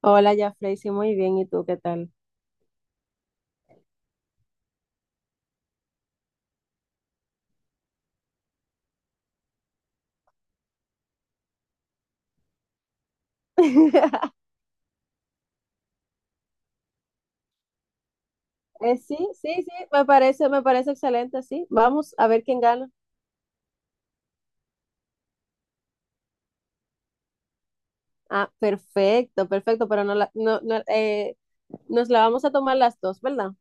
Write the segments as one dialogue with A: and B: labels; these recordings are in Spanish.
A: Hola, Jafrey, sí, muy bien. ¿Y tú qué tal? Sí, sí, sí, me parece excelente, sí. Vamos a ver quién gana. Ah, perfecto, perfecto, pero no, no, no, nos la vamos a tomar las dos, ¿verdad?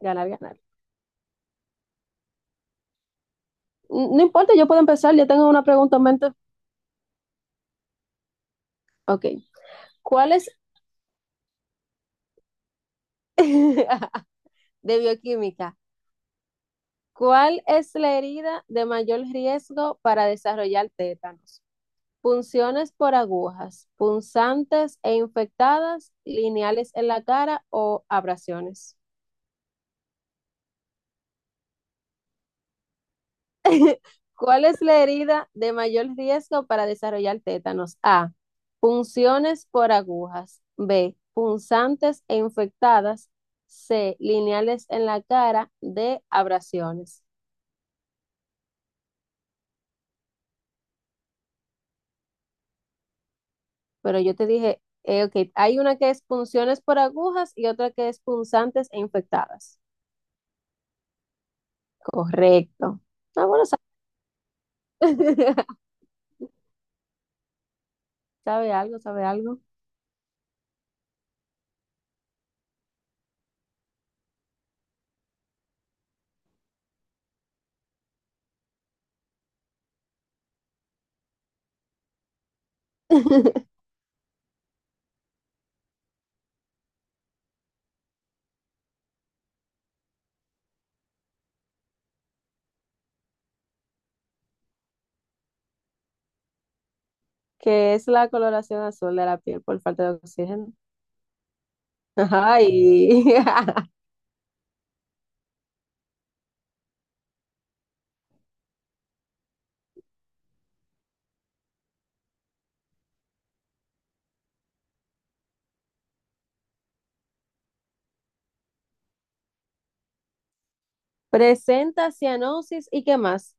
A: Ganar, ganar. No importa, yo puedo empezar, yo tengo una pregunta en mente. Ok, ¿cuál es de bioquímica? ¿Cuál es la herida de mayor riesgo para desarrollar tétanos? Punciones por agujas, punzantes e infectadas, lineales en la cara o abrasiones. ¿Cuál es la herida de mayor riesgo para desarrollar tétanos? A. Punciones por agujas. B. Punzantes e infectadas. C. Lineales en la cara. D. Abrasiones. Pero yo te dije, ok, hay una que es punciones por agujas y otra que es punzantes e infectadas. Correcto. Ah, bueno, sabe, algo, sabe algo. Que es la coloración azul de la piel por falta de oxígeno. Ay. Presenta cianosis y qué más.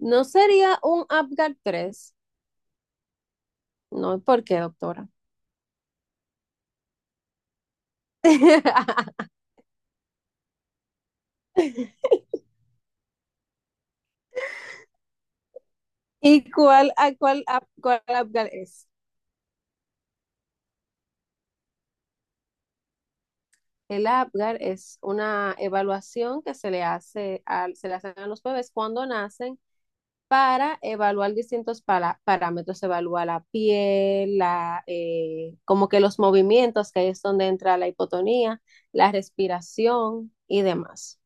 A: ¿No sería un Apgar 3? No, ¿por qué, doctora? ¿Y cuál, a cuál, Ap- cuál Apgar es? El APGAR es una evaluación que se le hacen a los bebés cuando nacen para evaluar distintos parámetros, evalúa la piel, como que los movimientos, que ahí es donde entra la hipotonía, la respiración y demás.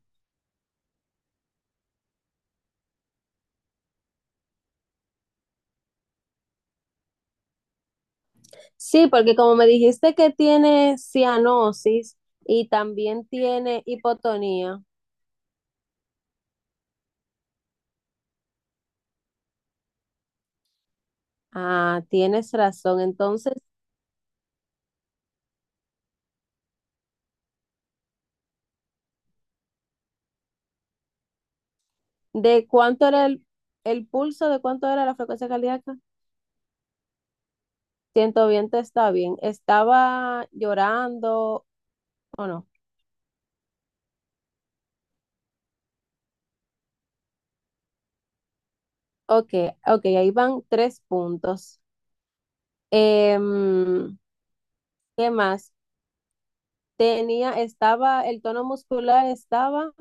A: Sí, porque como me dijiste que tiene cianosis y también tiene hipotonía, ah, tienes razón. Entonces, ¿de cuánto era el pulso? ¿De cuánto era la frecuencia cardíaca? 120 está bien. Estaba llorando o no. Ok, ok, ahí van tres puntos. Em, ¿qué más? El tono muscular estaba,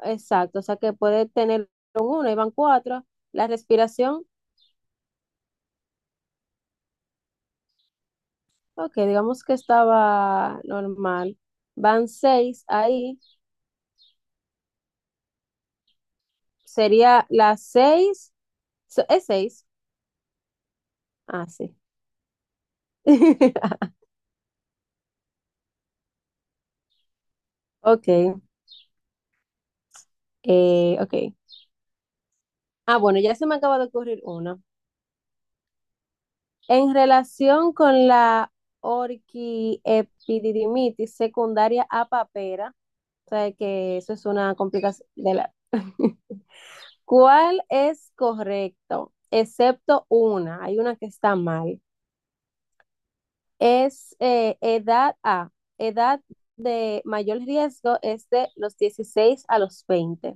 A: exacto, o sea que puede tener un uno, ahí van cuatro. La respiración, ok, digamos que estaba normal. Van seis ahí. Sería las seis, es seis. Ah, sí. Ok, ok. Ah, bueno, ya se me acaba de ocurrir uno. En relación con la orquiepididimitis secundaria a papera, o sea que eso es una complicación de la... ¿Cuál es correcto? Excepto una, hay una que está mal. Es edad A, edad de mayor riesgo es de los 16 a los 20.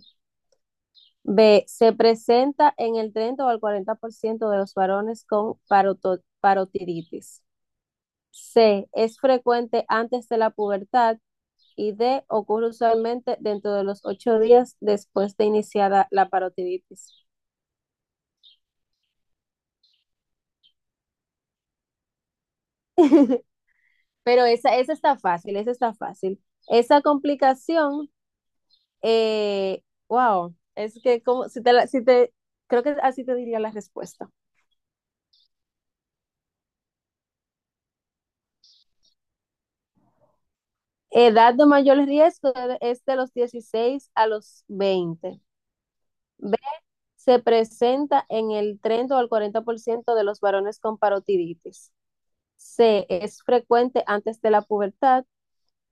A: B, se presenta en el 30 o el 40% de los varones con parotiditis. C. Es frecuente antes de la pubertad. Y D. Ocurre usualmente dentro de los 8 días después de iniciada la parotiditis. Pero esa está fácil, esa está fácil. Esa complicación, eh, wow, es que como, si te, creo que así te diría la respuesta. Edad de mayor riesgo es de los 16 a los 20. B, se presenta en el 30 o el 40% de los varones con parotiditis. C, es frecuente antes de la pubertad.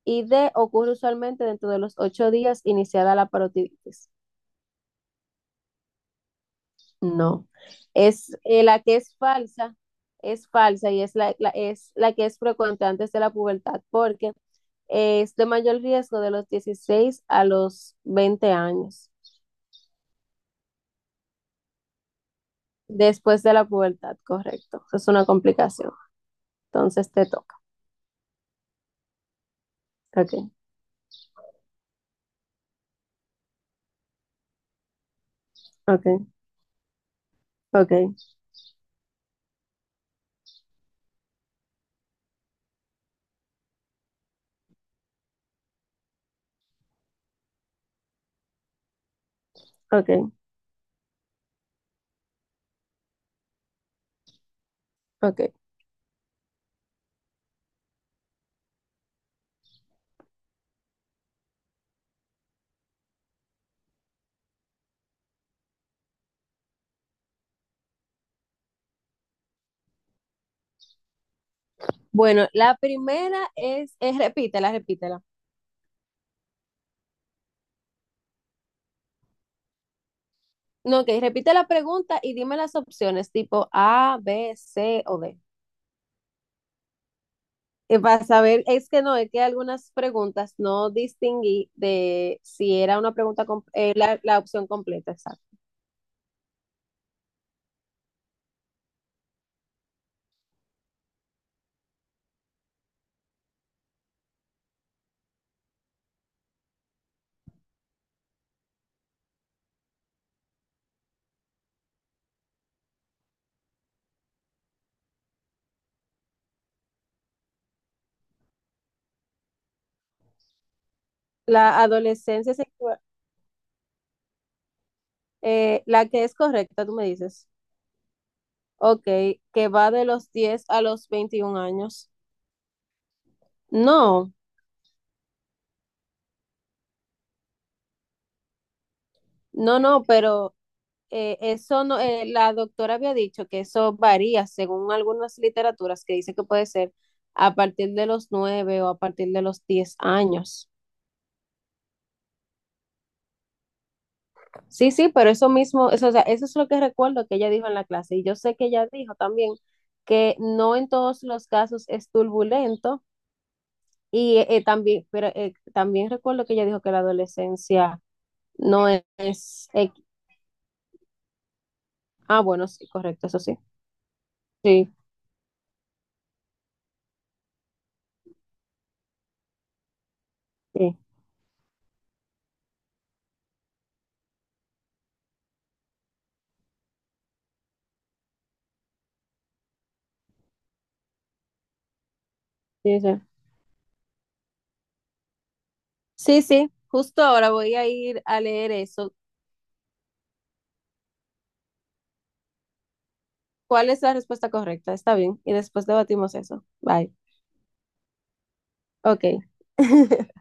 A: Y D, ocurre usualmente dentro de los ocho días iniciada la parotiditis. No, es la que es falsa y es es la que es frecuente antes de la pubertad porque es de mayor riesgo de los 16 a los 20 años, después de la pubertad, correcto. Es una complicación. Entonces te toca. Ok, ok, ok, ok, ok. Bueno, la primera es, repítela, repítela. No, ok, repite la pregunta y dime las opciones tipo A, B, C o D. Para saber, es que no, es que algunas preguntas no distinguí de si era una pregunta, la opción completa, exacto. La adolescencia sexual, la que es correcta, tú me dices. Ok, que va de los 10 a los 21 años. No, no, no, pero eso no, la doctora había dicho que eso varía según algunas literaturas que dice que puede ser a partir de los 9 o a partir de los 10 años. Sí, sí, pero eso mismo, eso, o sea, eso es lo que recuerdo que ella dijo en la clase. Y yo sé que ella dijo también que no en todos los casos es turbulento. Y también, pero también recuerdo que ella dijo que la adolescencia no es, ah, bueno, sí, correcto, eso sí. Sí, sí, sí, sí. Sí, sí, justo ahora voy a ir a leer eso. ¿Cuál es la respuesta correcta? Está bien. Y después debatimos eso. Bye. Ok.